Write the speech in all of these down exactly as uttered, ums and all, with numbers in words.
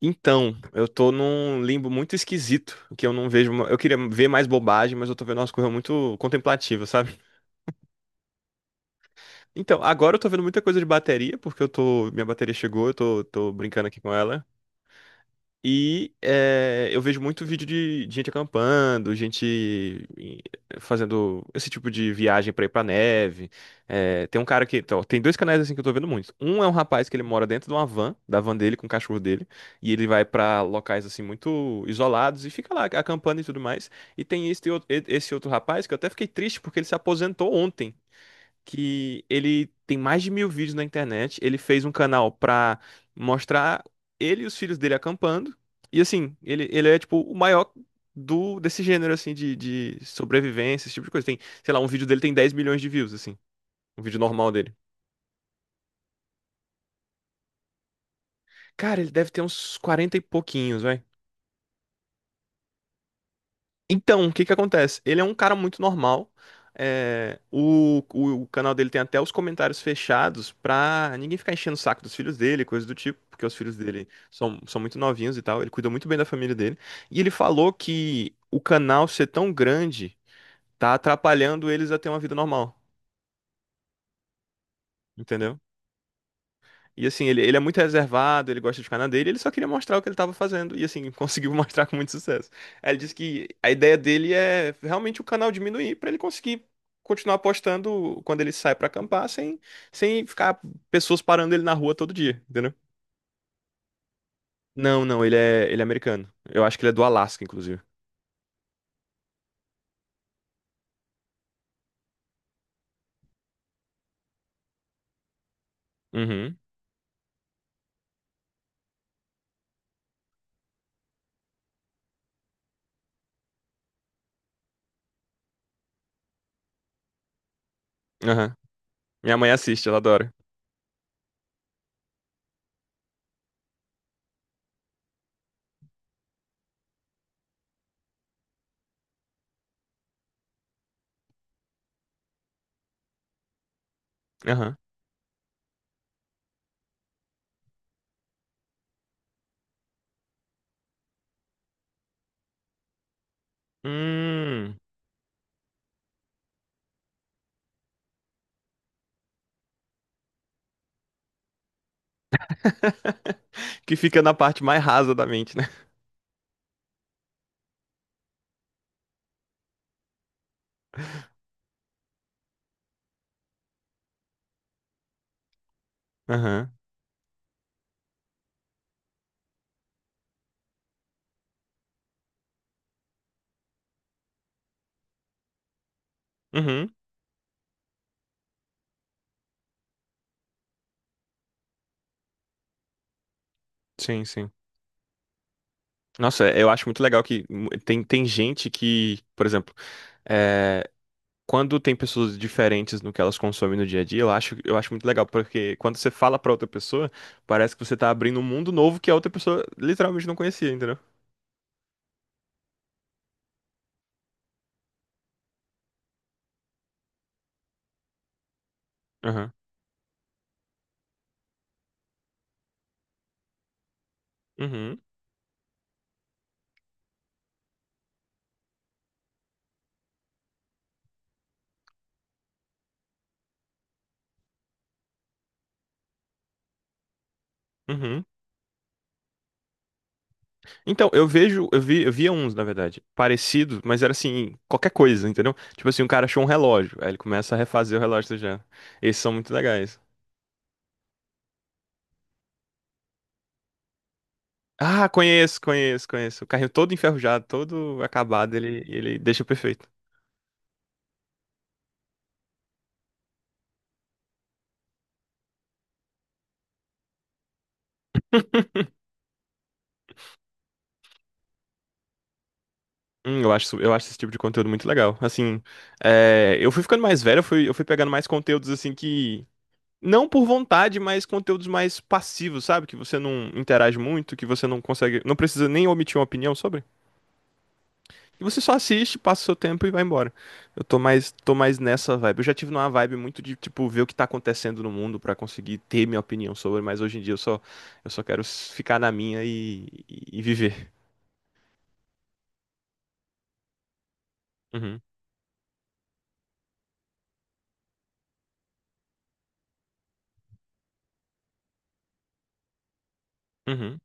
Então, eu tô num limbo muito esquisito, que eu não vejo. Eu queria ver mais bobagem, mas eu tô vendo umas coisas muito contemplativas, sabe? Então, agora eu tô vendo muita coisa de bateria, porque eu tô. Minha bateria chegou, eu tô, tô brincando aqui com ela. E eh, eu vejo muito vídeo de, de gente acampando, gente em- fazendo esse tipo de viagem pra ir pra neve. Eh, tem um cara que. Então, tem dois canais assim que eu tô vendo muito. Um é um rapaz que ele mora dentro de uma van, da van dele, com o cachorro dele. E ele vai pra locais assim muito isolados e fica lá acampando e tudo mais. E tem esse, outro- esse outro rapaz que eu até fiquei triste porque ele se aposentou ontem, que ele tem mais de mil vídeos na internet. Ele fez um canal pra mostrar ele e os filhos dele acampando. E assim, ele, ele é tipo o maior do desse gênero assim de, de sobrevivência, esse tipo de coisa. Tem, sei lá, um vídeo dele tem dez milhões de views, assim. Um vídeo normal dele. Cara, ele deve ter uns quarenta e pouquinhos, vai. Então, o que que acontece? Ele é um cara muito normal. é, o, o, o canal dele tem até os comentários fechados pra ninguém ficar enchendo o saco dos filhos dele, coisa do tipo, porque os filhos dele são, são muito novinhos e tal. Ele cuida muito bem da família dele. E ele falou que o canal ser tão grande tá atrapalhando eles a ter uma vida normal, entendeu? E assim, ele, ele é muito reservado, ele gosta de ficar na dele, ele só queria mostrar o que ele estava fazendo. E assim, conseguiu mostrar com muito sucesso. Aí ele disse que a ideia dele é realmente o canal diminuir para ele conseguir continuar postando quando ele sai para acampar, sem, sem ficar pessoas parando ele na rua todo dia, entendeu? Não, não, ele é, ele é americano. Eu acho que ele é do Alasca, inclusive. Uhum, aham. Minha mãe assiste, ela adora. Aham. Hum. Que fica na parte mais rasa da mente, né? Aham. Uhum. Sim, sim. Nossa, eu acho muito legal que mu- tem, tem gente que, por exemplo, é, quando tem pessoas diferentes no que elas consomem no dia a dia, eu acho, eu acho muito legal, porque quando você fala pra outra pessoa, parece que você tá abrindo um mundo novo que a outra pessoa literalmente não conhecia, entendeu? Aham. Uhum. Uhum. Então, eu vejo, eu vi, eu via uns, na verdade, parecidos, mas era assim, qualquer coisa, entendeu? Tipo assim, um cara achou um relógio, aí ele começa a refazer o relógio já. Esses são muito legais. Ah, conheço, conheço, conheço. O carrinho todo enferrujado, todo acabado, ele, ele deixa perfeito. Hum, eu acho, isso- eu acho esse tipo de conteúdo muito legal. Assim, é, eu fui ficando mais velho, eu fui, eu fui pegando mais conteúdos assim que. Não por vontade, mas conteúdos mais passivos, sabe? Que você não interage muito, que você não consegue. Não precisa nem omitir uma opinião sobre. E você só assiste, passa o seu tempo e vai embora. Eu tô mais, tô mais nessa vibe. Eu já tive numa vibe muito de, tipo, ver o que tá acontecendo no mundo pra conseguir ter minha opinião sobre, mas hoje em dia eu só, eu só quero s- ficar na minha e, e, e viver. Uhum, uhum.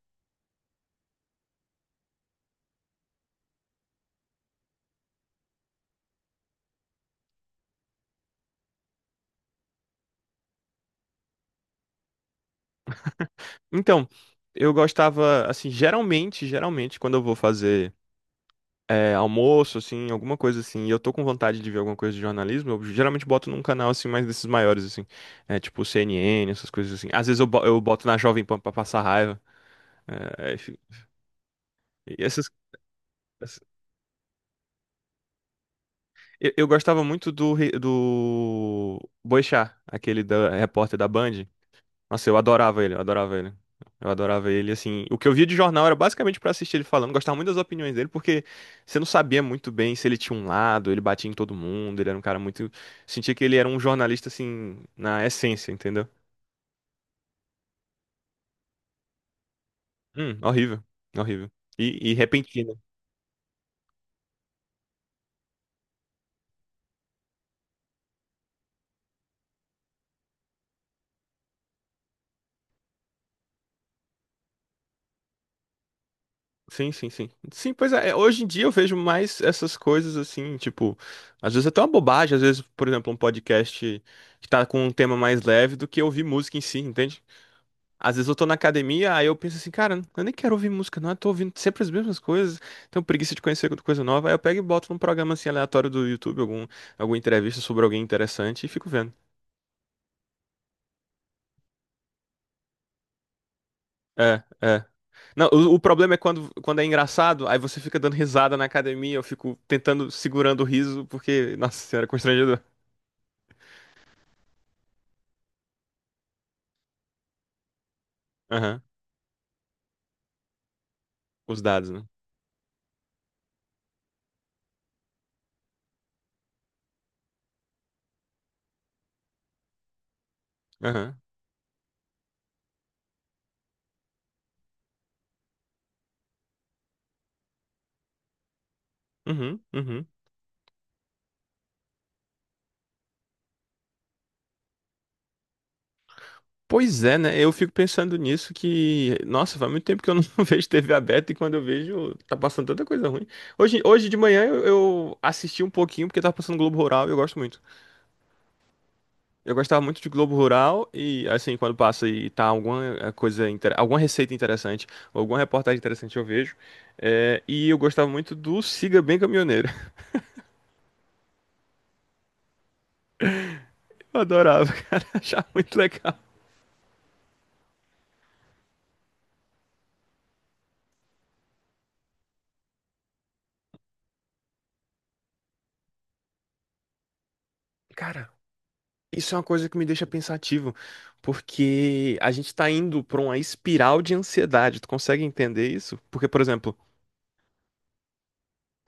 Então, eu gostava, assim, geralmente, geralmente, quando eu vou fazer é, almoço, assim, alguma coisa assim, e eu tô com vontade de ver alguma coisa de jornalismo, eu geralmente boto num canal, assim, mais desses maiores, assim, é, tipo C N N, essas coisas assim. Às vezes eu, bo- eu boto na Jovem Pan pra passar raiva. É, é. E essas, ess- eu, eu gostava muito do, re- do Boechat, aquele da, repórter da Band. Nossa, eu adorava ele, eu adorava ele. Eu adorava ele, assim, o que eu via de jornal era basicamente pra assistir ele falando, gostava muito das opiniões dele, porque você não sabia muito bem se ele tinha um lado, ele batia em todo mundo, ele era um cara muito, sentia que ele era um jornalista assim, na essência, entendeu? Hum, horrível, horrível. E, e repentino. Sim, sim, sim. Sim, pois é, é, hoje em dia eu vejo mais essas coisas assim, tipo, às vezes até uma bobagem, às vezes, por exemplo, um podcast que tá com um tema mais leve do que ouvir música em si, entende? Às vezes eu tô na academia, aí eu penso assim, cara, eu nem quero ouvir música, não, eu tô ouvindo sempre as mesmas coisas, tenho preguiça de conhecer coisa nova, aí eu pego e boto num programa assim aleatório do YouTube, algum, alguma entrevista sobre alguém interessante e fico vendo. É, é. Não, o, o problema é quando, quando é engraçado, aí você fica dando risada na academia, eu fico tentando, segurando o riso, porque, nossa senhora, é constrangedor. Aham. Os dados, né? Aham. Uhum, uhum. Pois é, né? Eu fico pensando nisso que, nossa, faz muito tempo que eu não vejo T V aberta e quando eu vejo, tá passando tanta coisa ruim. Hoje, hoje de manhã eu, eu assisti um pouquinho porque tava passando Globo Rural e eu gosto muito. Eu gostava muito de Globo Rural e, assim, quando passa e tá alguma eh, coisa, inter- alguma receita interessante, ou alguma reportagem interessante eu vejo. Eh, e eu gostava muito do Siga Bem Caminhoneiro. Eu adorava, cara, achava muito legal. Cara, isso é uma coisa que me deixa pensativo, porque a gente tá indo pra uma espiral de ansiedade. Tu consegue entender isso? Porque, por exemplo,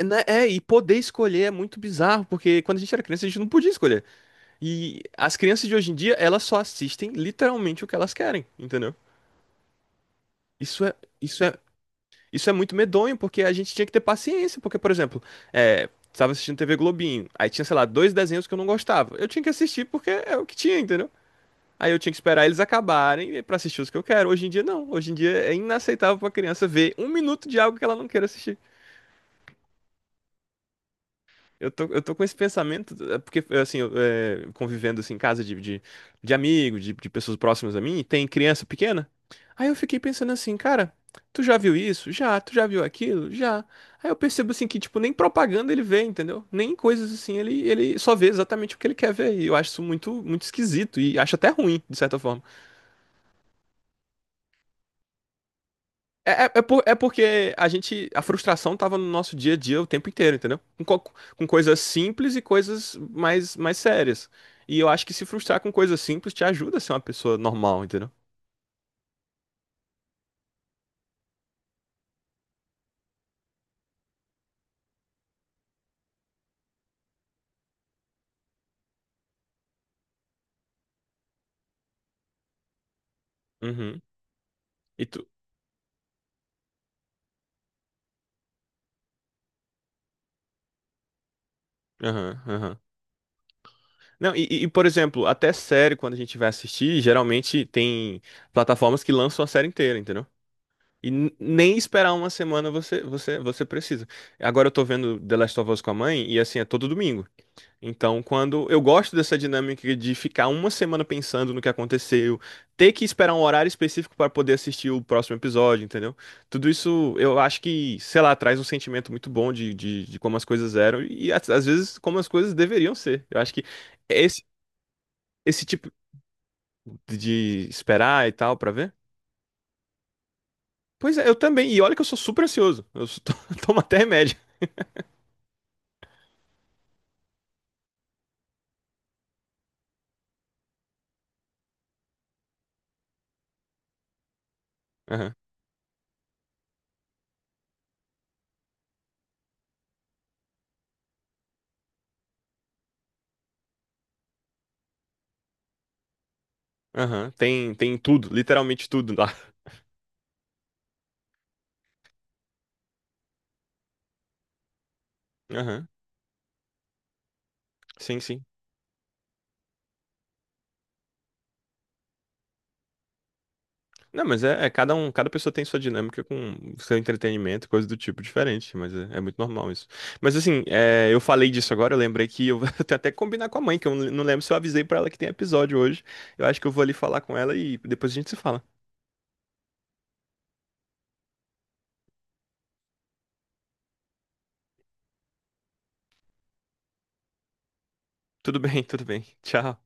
né, é, e poder escolher é muito bizarro, porque quando a gente era criança a gente não podia escolher. E as crianças de hoje em dia, elas só assistem literalmente o que elas querem, entendeu? Isso é, isso é, isso é muito medonho, porque a gente tinha que ter paciência, porque, por exemplo, é, tava assistindo T V Globinho, aí tinha, sei lá, dois desenhos que eu não gostava. Eu tinha que assistir porque é o que tinha, entendeu? Aí eu tinha que esperar eles acabarem pra assistir os que eu quero. Hoje em dia, não. Hoje em dia é inaceitável pra criança ver um minuto de algo que ela não queira assistir. Eu tô, eu tô com esse pensamento, é, porque, assim, eu, é, convivendo, assim, em casa de, de, de amigo, de, de pessoas próximas a mim, e tem criança pequena. Aí eu fiquei pensando assim, cara, tu já viu isso? Já. Tu já viu aquilo? Já. Aí eu percebo, assim, que, tipo, nem propaganda ele vê, entendeu? Nem coisas assim, ele, ele só vê exatamente o que ele quer ver. E eu acho isso muito, muito esquisito e acho até ruim, de certa forma. É, é, é por- é porque a gente, a frustração tava no nosso dia a dia o tempo inteiro, entendeu? Com, co- com coisas simples e coisas mais, mais sérias. E eu acho que se frustrar com coisas simples te ajuda a ser uma pessoa normal, entendeu? Uhum. E tu. Aham, aham. Não, e, e, por exemplo, até série, quando a gente vai assistir, geralmente tem plataformas que lançam a série inteira, entendeu? E n- nem esperar uma semana você, você, você precisa. Agora eu tô vendo The Last of Us com a mãe, e assim, é todo domingo. Então, quando eu gosto dessa dinâmica de ficar uma semana pensando no que aconteceu, ter que esperar um horário específico para poder assistir o próximo episódio, entendeu? Tudo isso eu acho que, sei lá, traz um sentimento muito bom de, de, de como as coisas eram e às às vezes como as coisas deveriam ser. Eu acho que esse, esse tipo de esperar e tal para ver. Pois é, eu também. E olha que eu sou super ansioso. Eu sou- tomo até remédio. Aham, aham. Tem, tem tudo, literalmente tudo lá. Aham. Sim, sim. Não, mas é, é cada um, cada pessoa tem sua dinâmica com seu entretenimento, coisa do tipo diferente, mas é, é muito normal isso. Mas assim, é, eu falei disso agora, eu lembrei que eu vou até até combinar com a mãe, que eu não lembro se eu avisei pra ela que tem episódio hoje. Eu acho que eu vou ali falar com ela e depois a gente se fala. Tudo bem, tudo bem. Tchau.